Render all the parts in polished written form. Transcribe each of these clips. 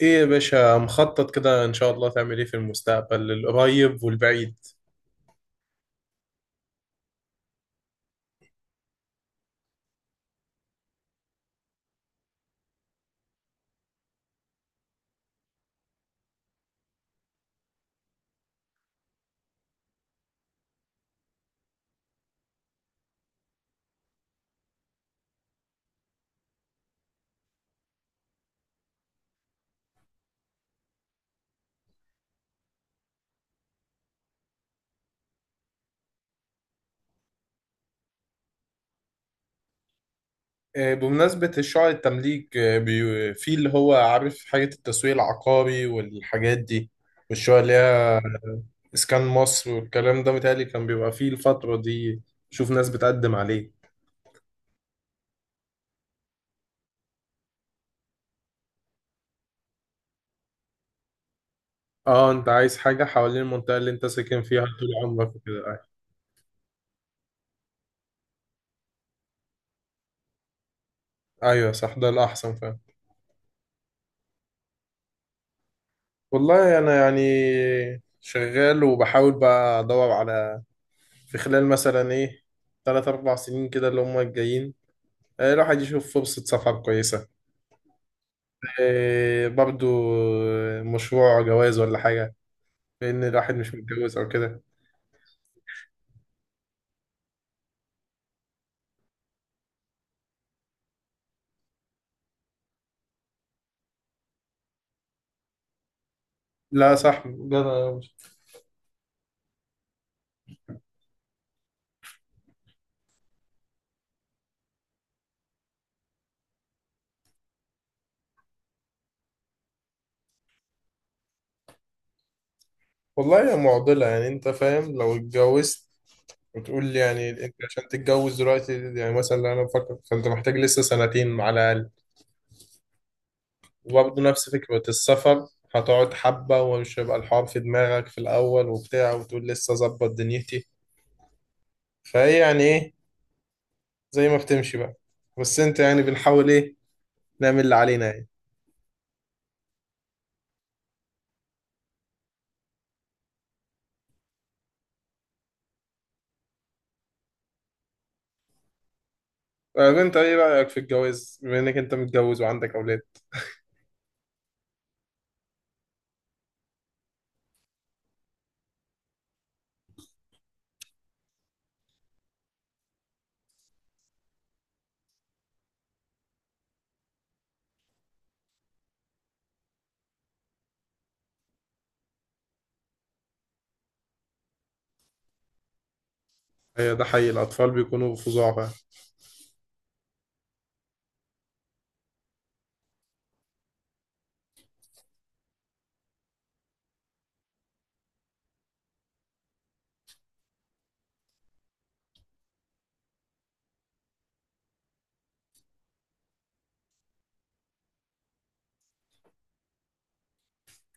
ايه يا باشا، مخطط كده ان شاء الله تعمل ايه في المستقبل القريب والبعيد؟ آه، بمناسبة الشعر التمليك، آه، في اللي هو عارف حاجة التسويق العقاري والحاجات دي، والشعر اللي هي اسكان مصر والكلام ده، متهيألي كان بيبقى فيه الفترة دي. شوف ناس بتقدم عليه. اه، انت عايز حاجة حوالين المنطقة اللي انت ساكن فيها طول عمرك وكده. آه. ايوه، صح، ده الأحسن فعلا. والله انا يعني شغال وبحاول بقى ادور على، في خلال مثلا ايه، تلات أربع سنين كده اللي هم الجايين. آه، الواحد يشوف فرصة سفر كويسة. آه، برضو. آه، مشروع جواز ولا حاجة، لأن الواحد مش متجوز أو كده. لا، صح جدع. والله هي معضلة، يعني أنت فاهم لو اتجوزت، وتقول لي يعني أنت عشان تتجوز دلوقتي، يعني مثلا لو أنا بفكر فأنت محتاج لسه سنتين على الأقل. وبرضه نفس فكرة السفر، هتقعد حبة ومش هيبقى الحوار في دماغك في الأول وبتاع، وتقول لسه أظبط دنيتي. فهي يعني إيه، زي ما بتمشي بقى. بس انت يعني بنحاول ايه نعمل اللي علينا يعني. طيب انت ايه رأيك في الجواز بما انك انت متجوز وعندك اولاد؟ هي ده حقيقي، الاطفال بيكونوا فظاع بقى.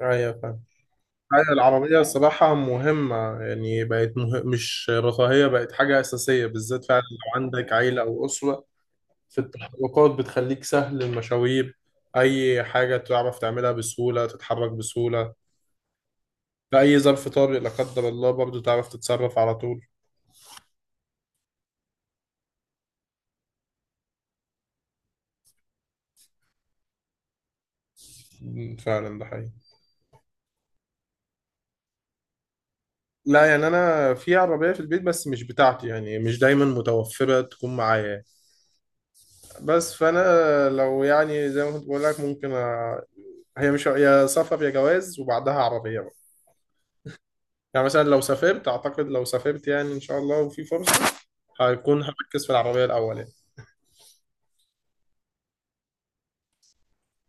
ايوه فاهم. ايوه العربية الصراحة مهمة، يعني بقت مش رفاهية، بقت حاجة أساسية، بالذات فعلا لو عندك عيلة أو أسرة. في التحركات بتخليك سهل المشاوير، أي حاجة تعرف تعملها بسهولة، تتحرك بسهولة في أي ظرف طارئ لا قدر الله، برضه تعرف تتصرف على طول. فعلا ده حقيقي. لا يعني انا في عربيه في البيت بس مش بتاعتي، يعني مش دايما متوفره تكون معايا. بس فانا لو يعني زي ما كنت بقول لك ممكن. هي مش يا سفر يا جواز وبعدها عربيه بقى. يعني مثلا لو سافرت اعتقد لو سافرت يعني ان شاء الله وفي فرصه، هيكون هركز في العربيه الاول يعني.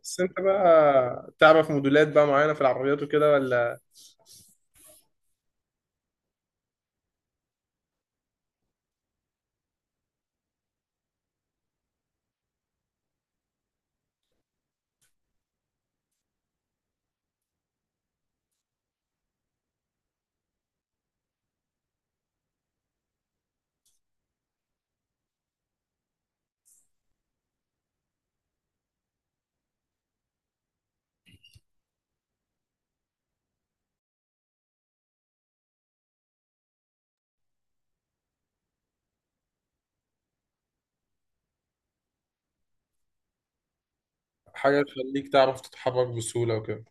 بس انت بقى تعرف موديلات بقى معينه في العربيات وكده ولا، حاجه تخليك تعرف تتحرك بسهوله وكده؟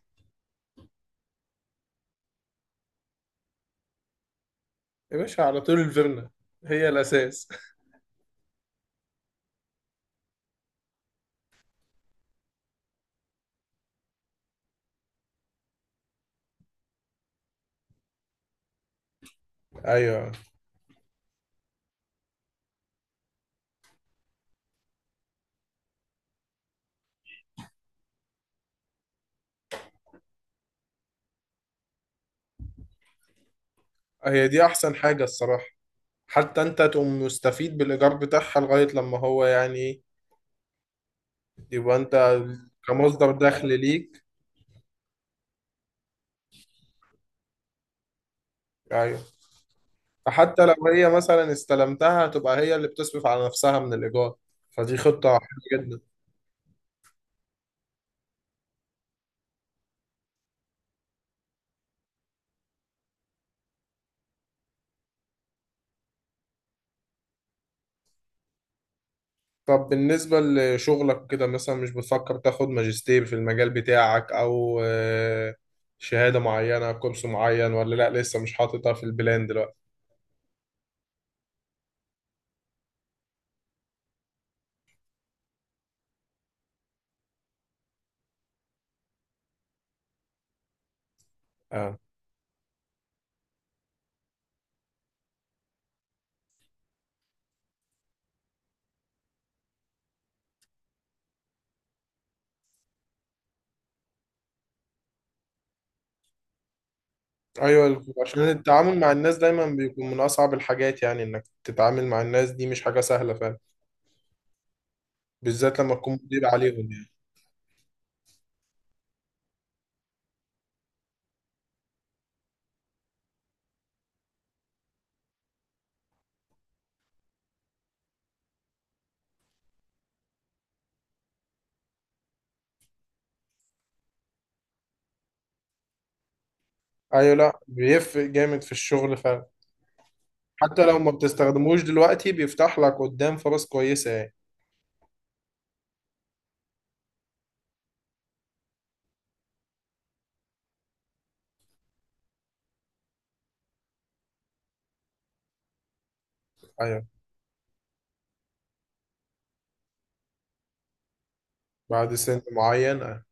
يا باشا على طول الفيرنا هي الاساس. ايوه هي دي احسن حاجه الصراحه. حتى انت تقوم مستفيد بالايجار بتاعها لغايه لما هو يعني ايه، يبقى انت كمصدر دخل ليك. ايوه، فحتى لو هي مثلا استلمتها، هتبقى هي اللي بتصرف على نفسها من الايجار، فدي خطه حلوه جدا. طب بالنسبه لشغلك كده، مثلا مش بتفكر تاخد ماجستير في المجال بتاعك، او آه، شهاده معينه، كورس معين، ولا لا لسه مش حاططها في البلان دلوقتي؟ آه. ايوه، عشان التعامل مع الناس دايما بيكون من اصعب الحاجات، يعني انك تتعامل مع الناس دي مش حاجه سهله فعلا، بالذات لما تكون مدير عليهم يعني. ايوه، لا بيفرق جامد في الشغل فعلا. حتى لو ما بتستخدموش دلوقتي، بيفتح لك قدام فرص كويسه يعني. ايوه. بعد سن معين، أيوة.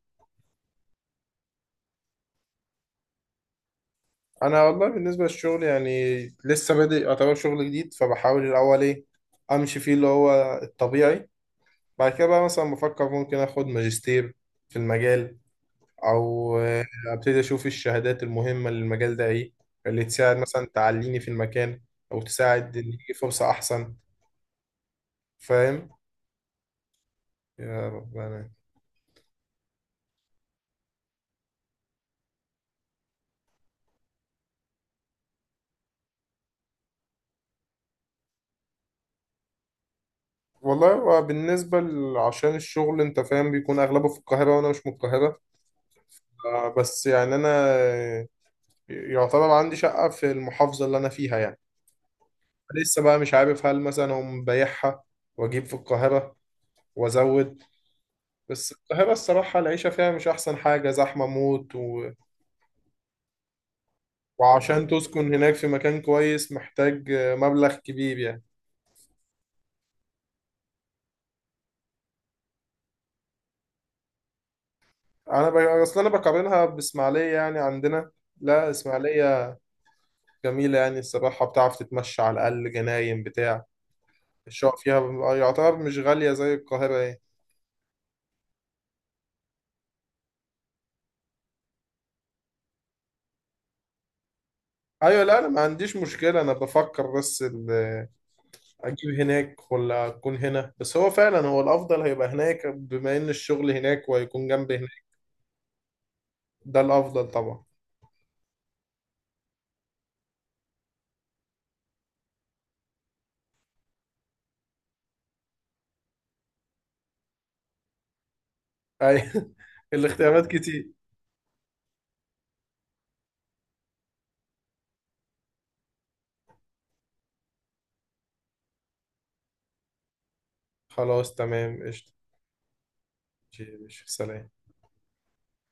انا والله بالنسبه للشغل يعني، لسه بادئ، يعتبر شغل جديد، فبحاول الاول ايه، امشي فيه اللي هو الطبيعي. بعد كده بقى مثلا بفكر ممكن اخد ماجستير في المجال، او آه، ابتدي اشوف الشهادات المهمه للمجال ده ايه، اللي تساعد مثلا تعليني في المكان، او تساعد ان يجي فرصه احسن. فاهم. يا ربنا. والله هو عشان الشغل انت فاهم بيكون اغلبه في القاهره، وانا مش من القاهره. آه، بس يعني انا آه، يعتبر عندي شقه في المحافظه اللي انا فيها يعني. لسه بقى مش عارف هل مثلا هم بايعها واجيب في القاهره وازود. بس القاهره الصراحه العيشه فيها مش احسن حاجه، زحمه موت، وعشان تسكن هناك في مكان كويس محتاج مبلغ كبير يعني. اصل انا بقارنها باسماعيليه يعني. عندنا، لا اسماعيليه جميله يعني الصراحه، بتعرف تتمشى على الاقل، جناين بتاع، الشقق فيها يعتبر مش غاليه زي القاهره يعني. ايوه، لا انا ما عنديش مشكله، انا بفكر بس اجيب هناك ولا اكون هنا، بس هو فعلا هو الافضل هيبقى هناك بما ان الشغل هناك وهيكون جنب هناك. ده الافضل طبعا. اي. الاختيارات كتير. خلاص تمام، قشطة. ماشي يا باشا، سلام.